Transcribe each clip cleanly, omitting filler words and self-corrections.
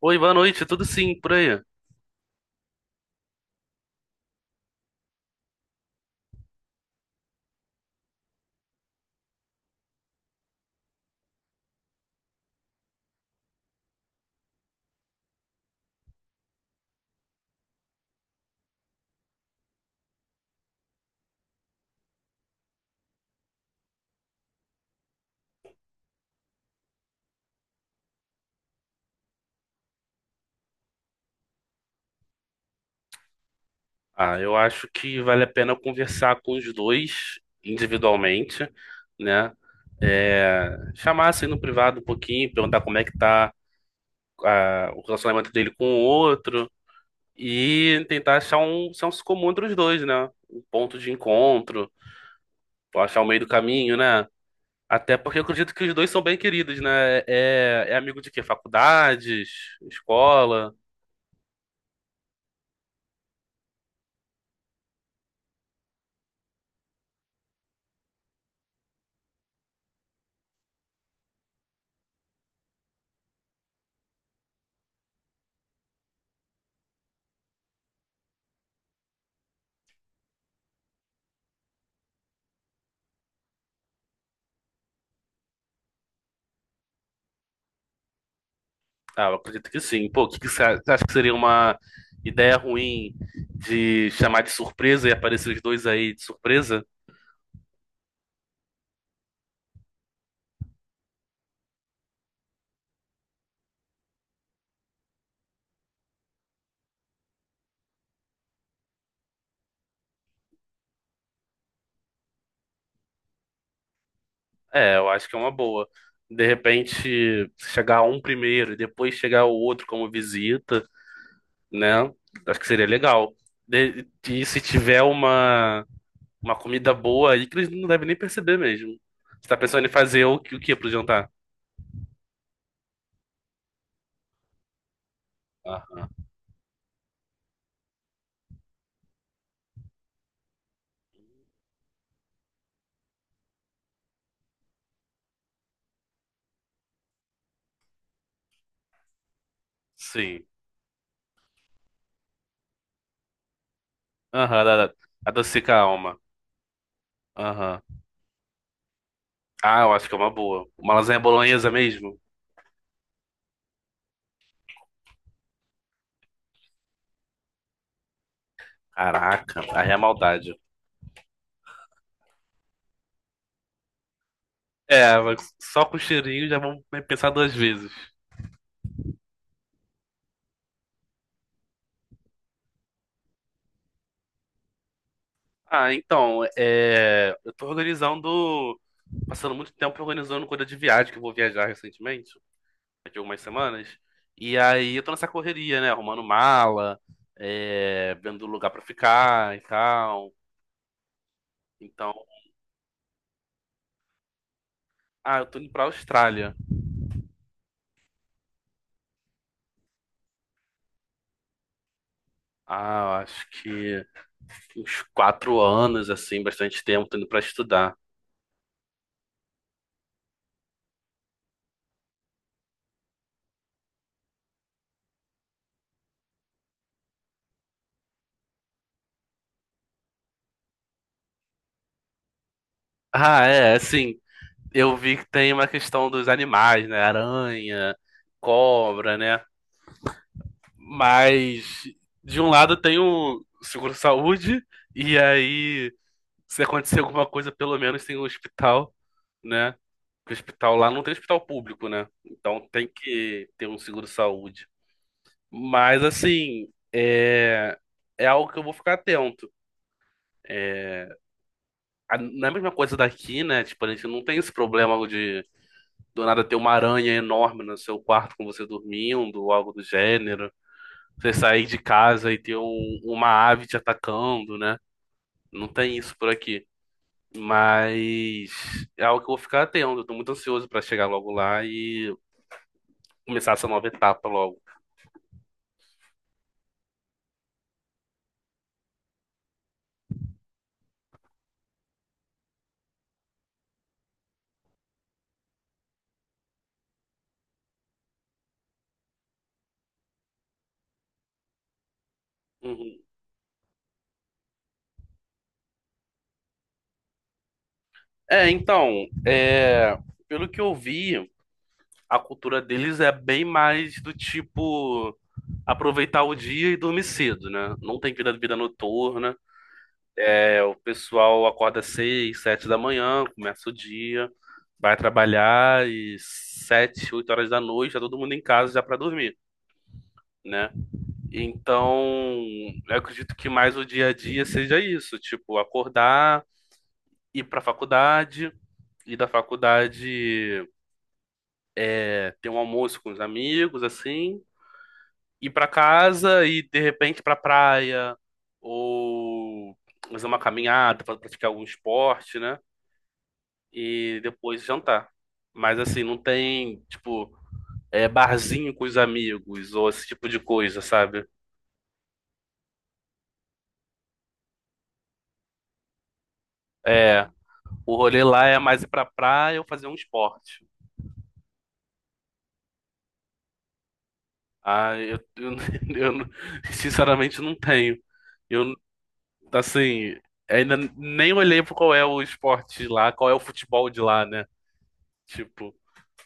Oi, boa noite, tudo sim, por aí? Ah, eu acho que vale a pena conversar com os dois individualmente, né? É, chamar assim no privado um pouquinho, perguntar como é que tá o relacionamento dele com o outro e tentar achar um senso comum entre os dois, né? Um ponto de encontro, ou achar o meio do caminho, né? Até porque eu acredito que os dois são bem queridos, né? É, é amigo de quê? Faculdades, escola? Ah, eu acredito que sim. Pô, o que que você acha que seria uma ideia ruim de chamar de surpresa e aparecer os dois aí de surpresa? É, eu acho que é uma boa. De repente, chegar um primeiro e depois chegar o outro como visita, né? Acho que seria legal. E se tiver uma comida boa aí, que eles não devem nem perceber mesmo. Você tá pensando em fazer o que pro jantar? Aham. Sim. Aham, adocica a alma. Aham. Ah, eu acho que é uma boa. Uma lasanha bolonhesa mesmo? Caraca, aí é maldade. É, mas só com o cheirinho já vão pensar duas vezes. Ah, então, eu tô organizando, passando muito tempo organizando coisa de viagem, que eu vou viajar recentemente, daqui a algumas semanas. E aí eu tô nessa correria, né? Arrumando mala, vendo lugar pra ficar e tal. Então, ah, eu tô indo pra Austrália. Ah, eu acho que uns 4 anos, assim, bastante tempo, tô indo pra estudar. Ah, é, assim, eu vi que tem uma questão dos animais, né? Aranha, cobra, né? Mas, de um lado, tem o seguro-saúde, e aí, se acontecer alguma coisa, pelo menos tem o hospital, né? Porque o hospital lá não tem hospital público, né? Então tem que ter um seguro-saúde. Mas, assim, é algo que eu vou ficar atento. É, não é a mesma coisa daqui, né? Tipo, a gente não tem esse problema do nada ter uma aranha enorme no seu quarto com você dormindo, ou algo do gênero. Você sair de casa e ter uma ave te atacando, né? Não tem isso por aqui. Mas é algo que eu vou ficar atento. Eu tô muito ansioso pra chegar logo lá e começar essa nova etapa logo. Uhum. É, então, pelo que eu vi, a cultura deles é bem mais do tipo aproveitar o dia e dormir cedo, né? Não tem vida, vida noturna. É, o pessoal acorda 6, 7 da manhã, começa o dia, vai trabalhar e 7, 8 horas da noite, tá todo mundo em casa já para dormir, né? Então, eu acredito que mais o dia a dia seja isso, tipo, acordar, ir para a faculdade, ir da faculdade, ter um almoço com os amigos, assim, ir para casa e de repente para praia ou fazer uma caminhada, pra praticar algum esporte, né? E depois jantar. Mas assim, não tem, tipo, barzinho com os amigos ou esse tipo de coisa, sabe? É, o rolê lá é mais ir pra praia ou fazer um esporte. Ah, eu não- sinceramente não tenho. Eu, assim, ainda nem olhei pra qual é o esporte de lá, qual é o futebol de lá, né? Tipo,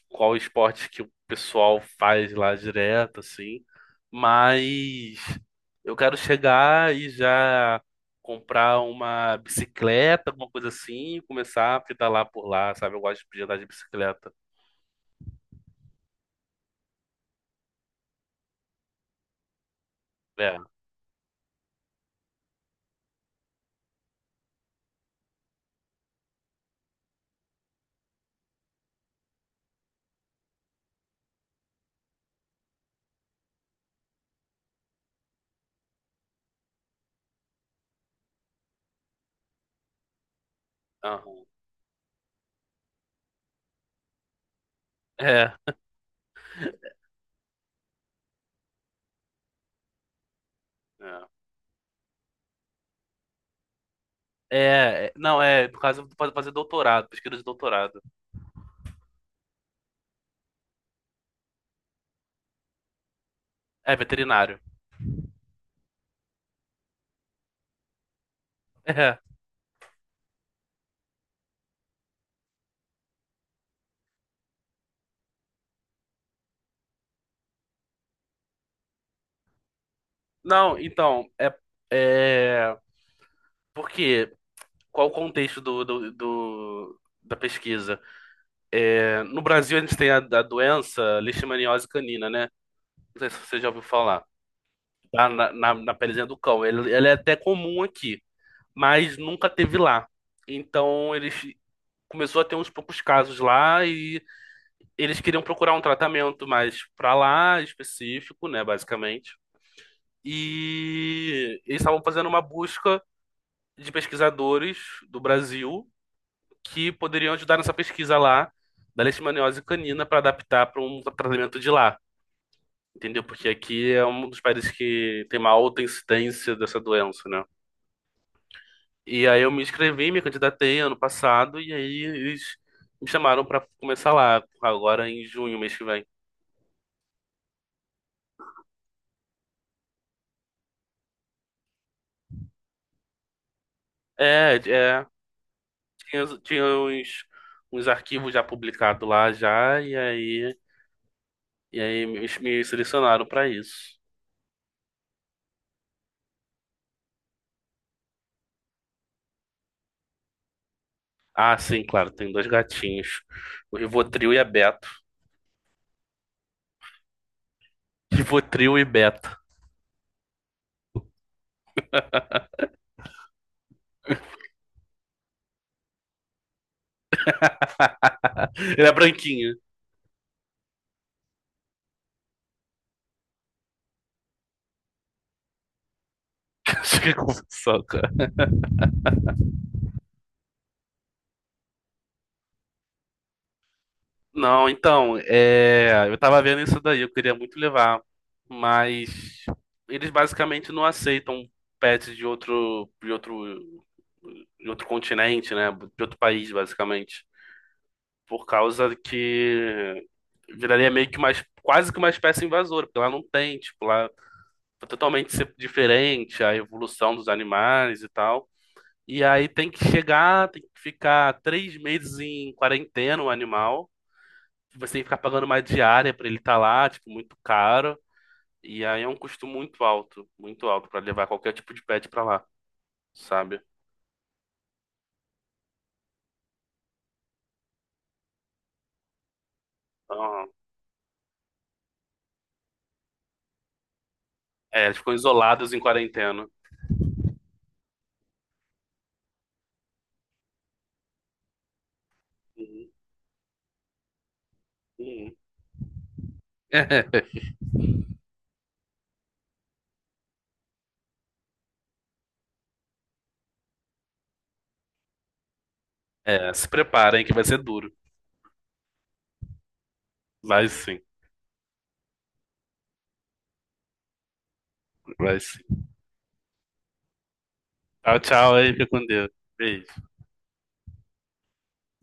qual esporte que o pessoal faz lá direto, assim. Mas eu quero chegar e já comprar uma bicicleta, alguma coisa assim, e começar a pedalar por lá, sabe? Eu gosto de andar de bicicleta. É, aham. É, é. É, é, não, é por causa de fazer doutorado, pesquisa de doutorado. É veterinário. É. Não, então, é porque qual o contexto da pesquisa? No Brasil, a gente tem a doença leishmaniose canina, né? Não sei se você já ouviu falar. Tá na pelezinha do cão. Ela é até comum aqui, mas nunca teve lá. Então, eles começou a ter uns poucos casos lá e eles queriam procurar um tratamento mais pra lá específico, né, basicamente. E eles estavam fazendo uma busca de pesquisadores do Brasil que poderiam ajudar nessa pesquisa lá da leishmaniose canina para adaptar para um tratamento de lá. Entendeu? Porque aqui é um dos países que tem uma alta incidência dessa doença, né? E aí eu me inscrevi, me candidatei ano passado, e aí eles me chamaram pra começar lá, agora em junho, mês que vem. É, é, tinha uns arquivos já publicados lá já, e aí me selecionaram pra isso. Ah, sim, claro, tem dois gatinhos, o Rivotril e a Beto. Rivotril e Beto. Ele é branquinho. Acho que é confusão. Não, então, é, eu tava vendo isso daí, eu queria muito levar, mas eles basicamente não aceitam pets de outro continente, né? De outro país, basicamente. Por causa que viraria meio que quase que uma espécie invasora, porque lá não tem, tipo, lá é totalmente diferente a evolução dos animais e tal. E aí tem que chegar, tem que ficar 3 meses em quarentena o animal, você tem que ficar pagando uma diária pra ele estar lá, tipo, muito caro. E aí é um custo muito alto pra levar qualquer tipo de pet pra lá, sabe? Então, eles ficam isolados em quarentena. Uhum, uhum. É, se preparem que vai ser duro. Vai sim, vai sim. Tchau, tchau aí, fica com Deus. Beijo.